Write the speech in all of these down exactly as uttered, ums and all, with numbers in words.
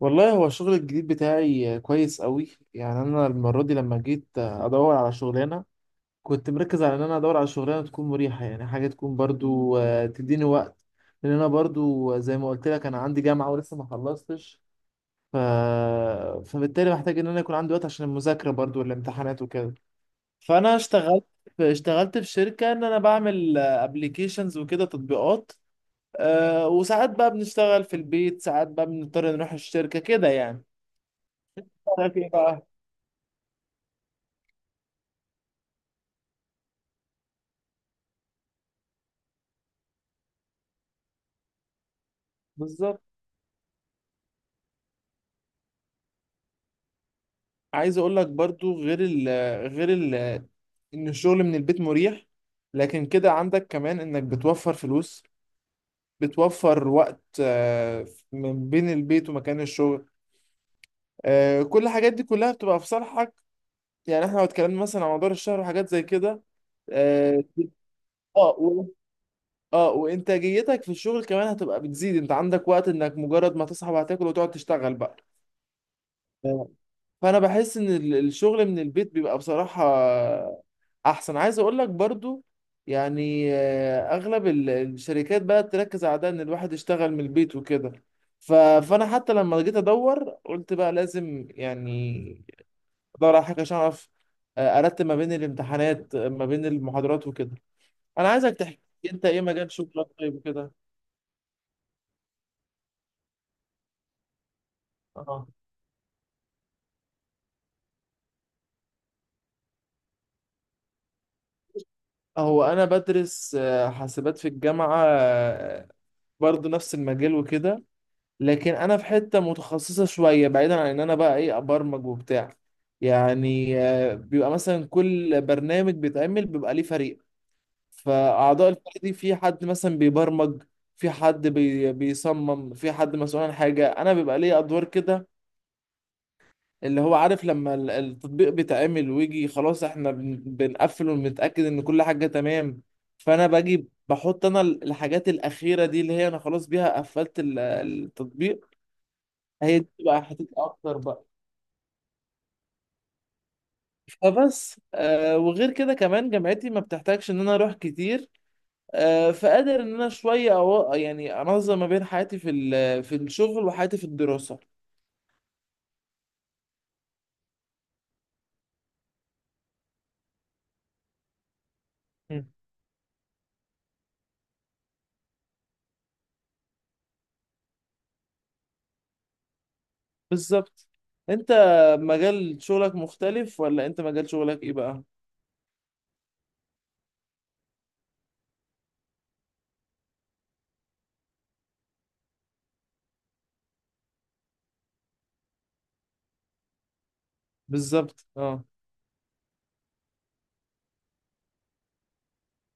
والله هو الشغل الجديد بتاعي كويس قوي. يعني انا المره دي لما جيت ادور على شغلانه كنت مركز على ان انا ادور على شغلانه تكون مريحه، يعني حاجه تكون برضو آه، تديني وقت. لان انا برضو زي ما قلت لك انا عندي جامعه ولسه ما خلصتش. ف... فبالتالي محتاج ان انا يكون عندي وقت عشان المذاكره برضو والامتحانات وكده. فانا اشتغلت في... اشتغلت في شركه ان انا بعمل ابلكيشنز وكده تطبيقات. أه وساعات بقى بنشتغل في البيت، ساعات بقى بنضطر نروح الشركه كده يعني. رايك ايه بقى؟ بالظبط. عايز اقول لك برضو غير ال غير ال ان الشغل من البيت مريح، لكن كده عندك كمان انك بتوفر فلوس، بتوفر وقت آه، من بين البيت ومكان الشغل. آه، كل الحاجات دي كلها بتبقى في صالحك، يعني احنا لو اتكلمنا مثلا عن مدار الشهر وحاجات زي كده. اه. اه و- آه، وانتاجيتك في الشغل كمان هتبقى بتزيد، انت عندك وقت انك مجرد ما تصحى وهتاكل وتقعد تشتغل بقى. فانا بحس ان ال- الشغل من البيت بيبقى بصراحة احسن. عايز اقول لك برضو يعني آه، اغلب ال- الشركات بقى تركز على ده، ان الواحد يشتغل من البيت وكده. ف- فانا حتى لما جيت ادور قلت بقى لازم يعني ادور على حاجة عشان اعرف آه، ارتب ما بين الامتحانات، آه، ما بين المحاضرات وكده. انا عايزك تحكي، انت ايه مجال شغلك طيب وكده؟ اه. هو انا بدرس آه، حاسبات في الجامعة، آه، برضو نفس المجال وكده. لكن انا في حته متخصصه شويه بعيدا عن ان انا بقى ايه ابرمج وبتاع. يعني آه، بيبقى مثلا كل برنامج بيتعمل بيبقى ليه فريق، فاعضاء الفريق دي في حد مثلا بيبرمج، في حد بي بيصمم، في حد مسؤول عن حاجه. انا بيبقى ليه ادوار كده، اللي هو عارف لما ال- التطبيق بيتعمل ويجي خلاص احنا بن- بنقفل ونتاكد ان كل حاجه تمام. فانا باجي بحط انا الحاجات الاخيره دي اللي هي انا خلاص بيها قفلت ال- التطبيق. هي دي بقى حتتي اكتر بقى. فبس آه وغير كده كمان جامعتي ما بتحتاجش ان انا اروح كتير، آه فقادر ان انا شويه أو يعني انظم ما بين حياتي في ال- في الشغل وحياتي في الدراسه. مم. بالظبط. انت مجال شغلك مختلف ولا انت مجال شغلك ايه بقى؟ بالظبط. اه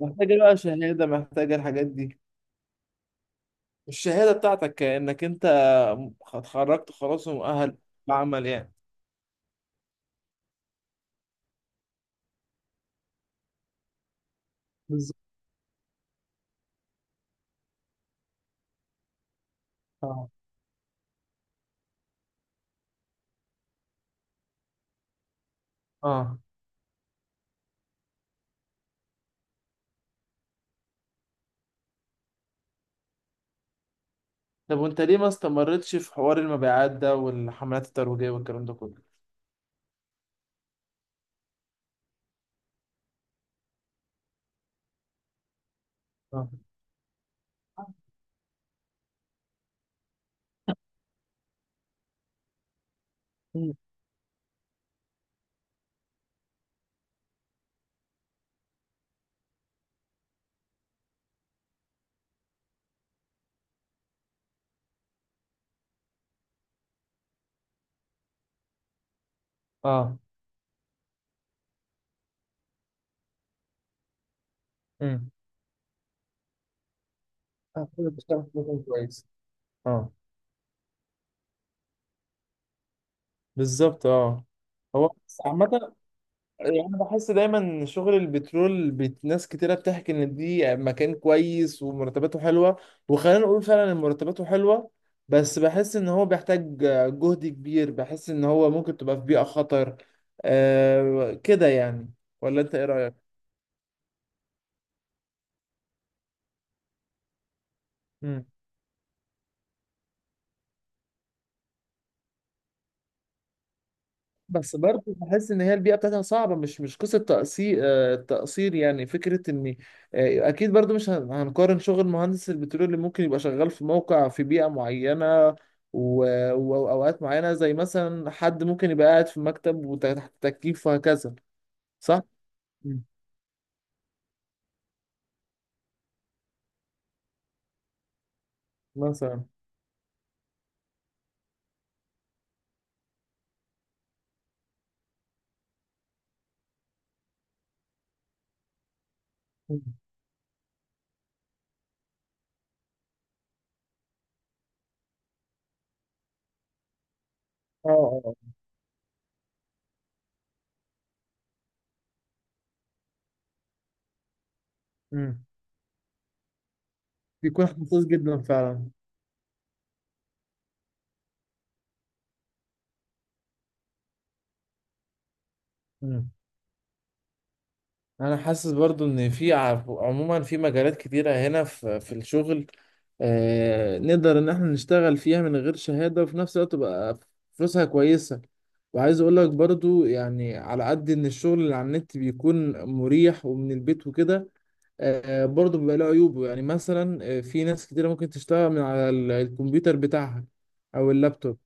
محتاجه بقى شهاده، محتاجه الحاجات دي. الشهاده بتاعتك انك انت اتخرجت خلاص ومؤهل للعمل يعني. بالظبط. اه اه. طب وانت ليه ما استمرتش في حوار المبيعات ده والحملات الترويجية والكلام ده كله؟ اه. مم. اه. امم. آه، كله بيشتغل في مكان كويس. اه. بالظبط اه. هو بس عامة، يعني أنا بحس دايما إن شغل البترول بت... ناس كتيرة بتحكي إن دي مكان كويس ومرتباته حلوة، وخلينا نقول فعلا إن مرتباته حلوة. بس بحس إن هو بيحتاج جهد كبير، بحس إن هو ممكن تبقى في بيئة خطر آه كده يعني. ولا أنت إيه رأيك؟ بس برضه بحس ان هي البيئه بتاعتها صعبه، مش مش قصه تقصير، آه، تقصير يعني، فكره ان آه، اكيد برضه مش هن- هنقارن شغل مهندس البترول اللي ممكن يبقى شغال في موقع في بيئه معينه و- واوقات معينه، زي مثلا حد ممكن يبقى قاعد في مكتب وتحت تكييف وهكذا. صح؟ مم. مثلا. مم. اه اه. مم. بيكون حساس جدا فعلا. مم. انا حاسس برضو ان في ع- عموما في مجالات كتيره هنا في في الشغل آه، نقدر ان احنا نشتغل فيها من غير شهادة وفي نفس الوقت تبقى فلوسها كويسة. وعايز اقول لك برضو يعني على قد ان الشغل اللي على النت بيكون مريح ومن البيت وكده آه، برضو بيبقى له عيوبه. يعني مثلا آه، في ناس كتيرة ممكن تشتغل من على ال- الكمبيوتر بتاعها او اللابتوب.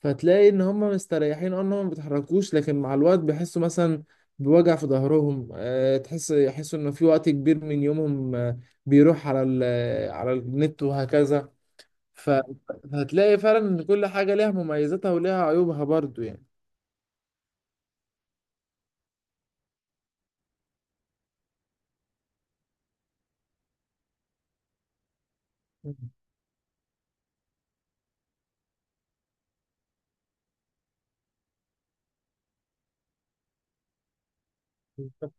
فتلاقي ان هم مستريحين، اه، ان هم ما بيتحركوش، لكن مع الوقت بيحسوا مثلا بوجع في ظهرهم. آه، تحس يحسوا ان في وقت كبير من يومهم آه، بيروح على ال- على النت وهكذا. ف- فهتلاقي فعلا ان كل حاجة ليها مميزاتها وليها عيوبها برضو يعني. بالظبط.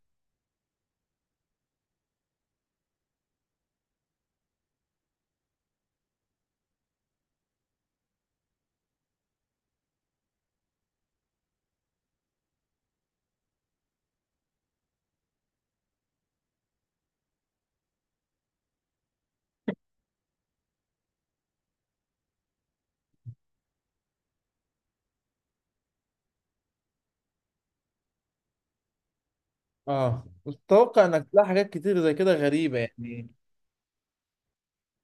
اه، اتوقع انك تلاقي حاجات كتير زي كده غريبه يعني.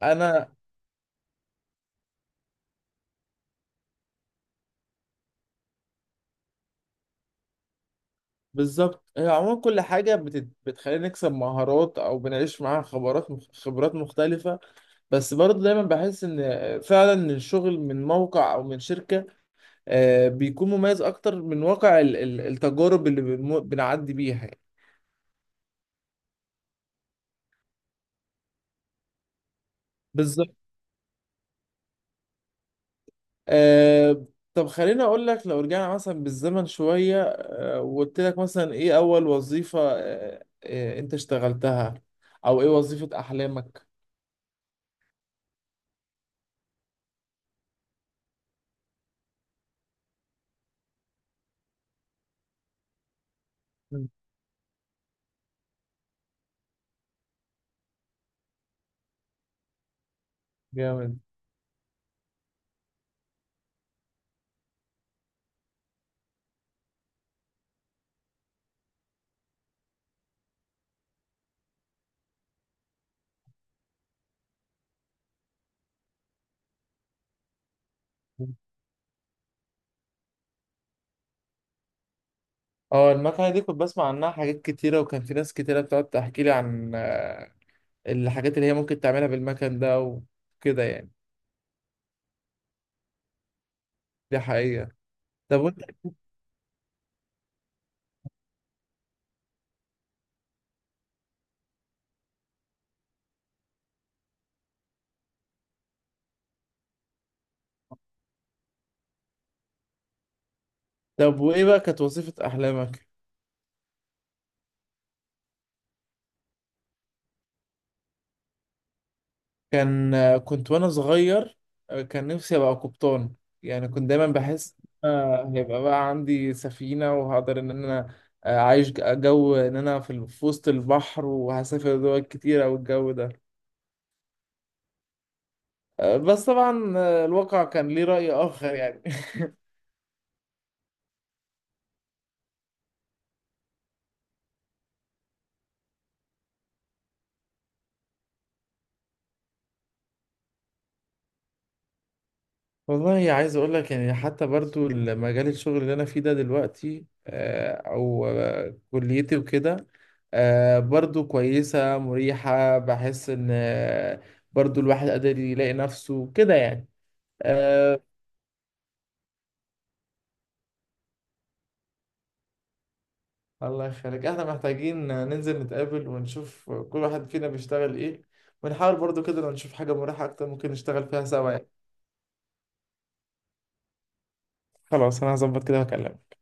انا بالظبط. هي عموما كل حاجه بت... بتخلينا نكسب مهارات او بنعيش معاها خبرات مخ... خبرات مختلفه. بس برضه دايما بحس ان فعلا الشغل من موقع او من شركه آه بيكون مميز اكتر من واقع ال... ال- التجارب اللي بن... بنعدي بيها يعني. بالظبط. آه. طب خليني اقول لك، لو رجعنا مثلا بالزمن شوية آه وقلت لك مثلا ايه اول وظيفة آه آه انت اشتغلتها او ايه وظيفة احلامك؟ مم. جامد. اه. المكنة دي كنت بسمع عنها حاجات كتيرة، وكان في ناس كتيرة بتقعد تحكي لي عن آه الحاجات اللي هي ممكن تعملها بالمكن ده وكده يعني. دي حقيقة. طب وانت. طب وايه بقى كانت وظيفة احلامك؟ كان كنت وانا صغير، آه، كان نفسي ابقى قبطان، يعني كنت دايما بحس إن أنا هيبقى بقى عندي سفينة، وهقدر ان انا عايش جو ان انا في في وسط البحر وهسافر دول كتيرة والجو ده. آه، بس طبعا آه، الواقع كان ليه رأي آخر يعني. والله عايز اقول لك يعني، حتى برضو مجال الشغل اللي انا فيه ده دلوقتي آه، او آه، كليتي وكده آه، برضو كويسة مريحة، بحس ان آه، برضو الواحد قادر يلاقي نفسه كده يعني. آه، الله يخليك. احنا محتاجين ننزل نتقابل ونشوف كل واحد فينا بيشتغل ايه، ونحاول برضو كده لو نشوف حاجة مريحة اكتر ممكن نشتغل فيها سوا يعني. خلاص انا هظبط كده واكلمك.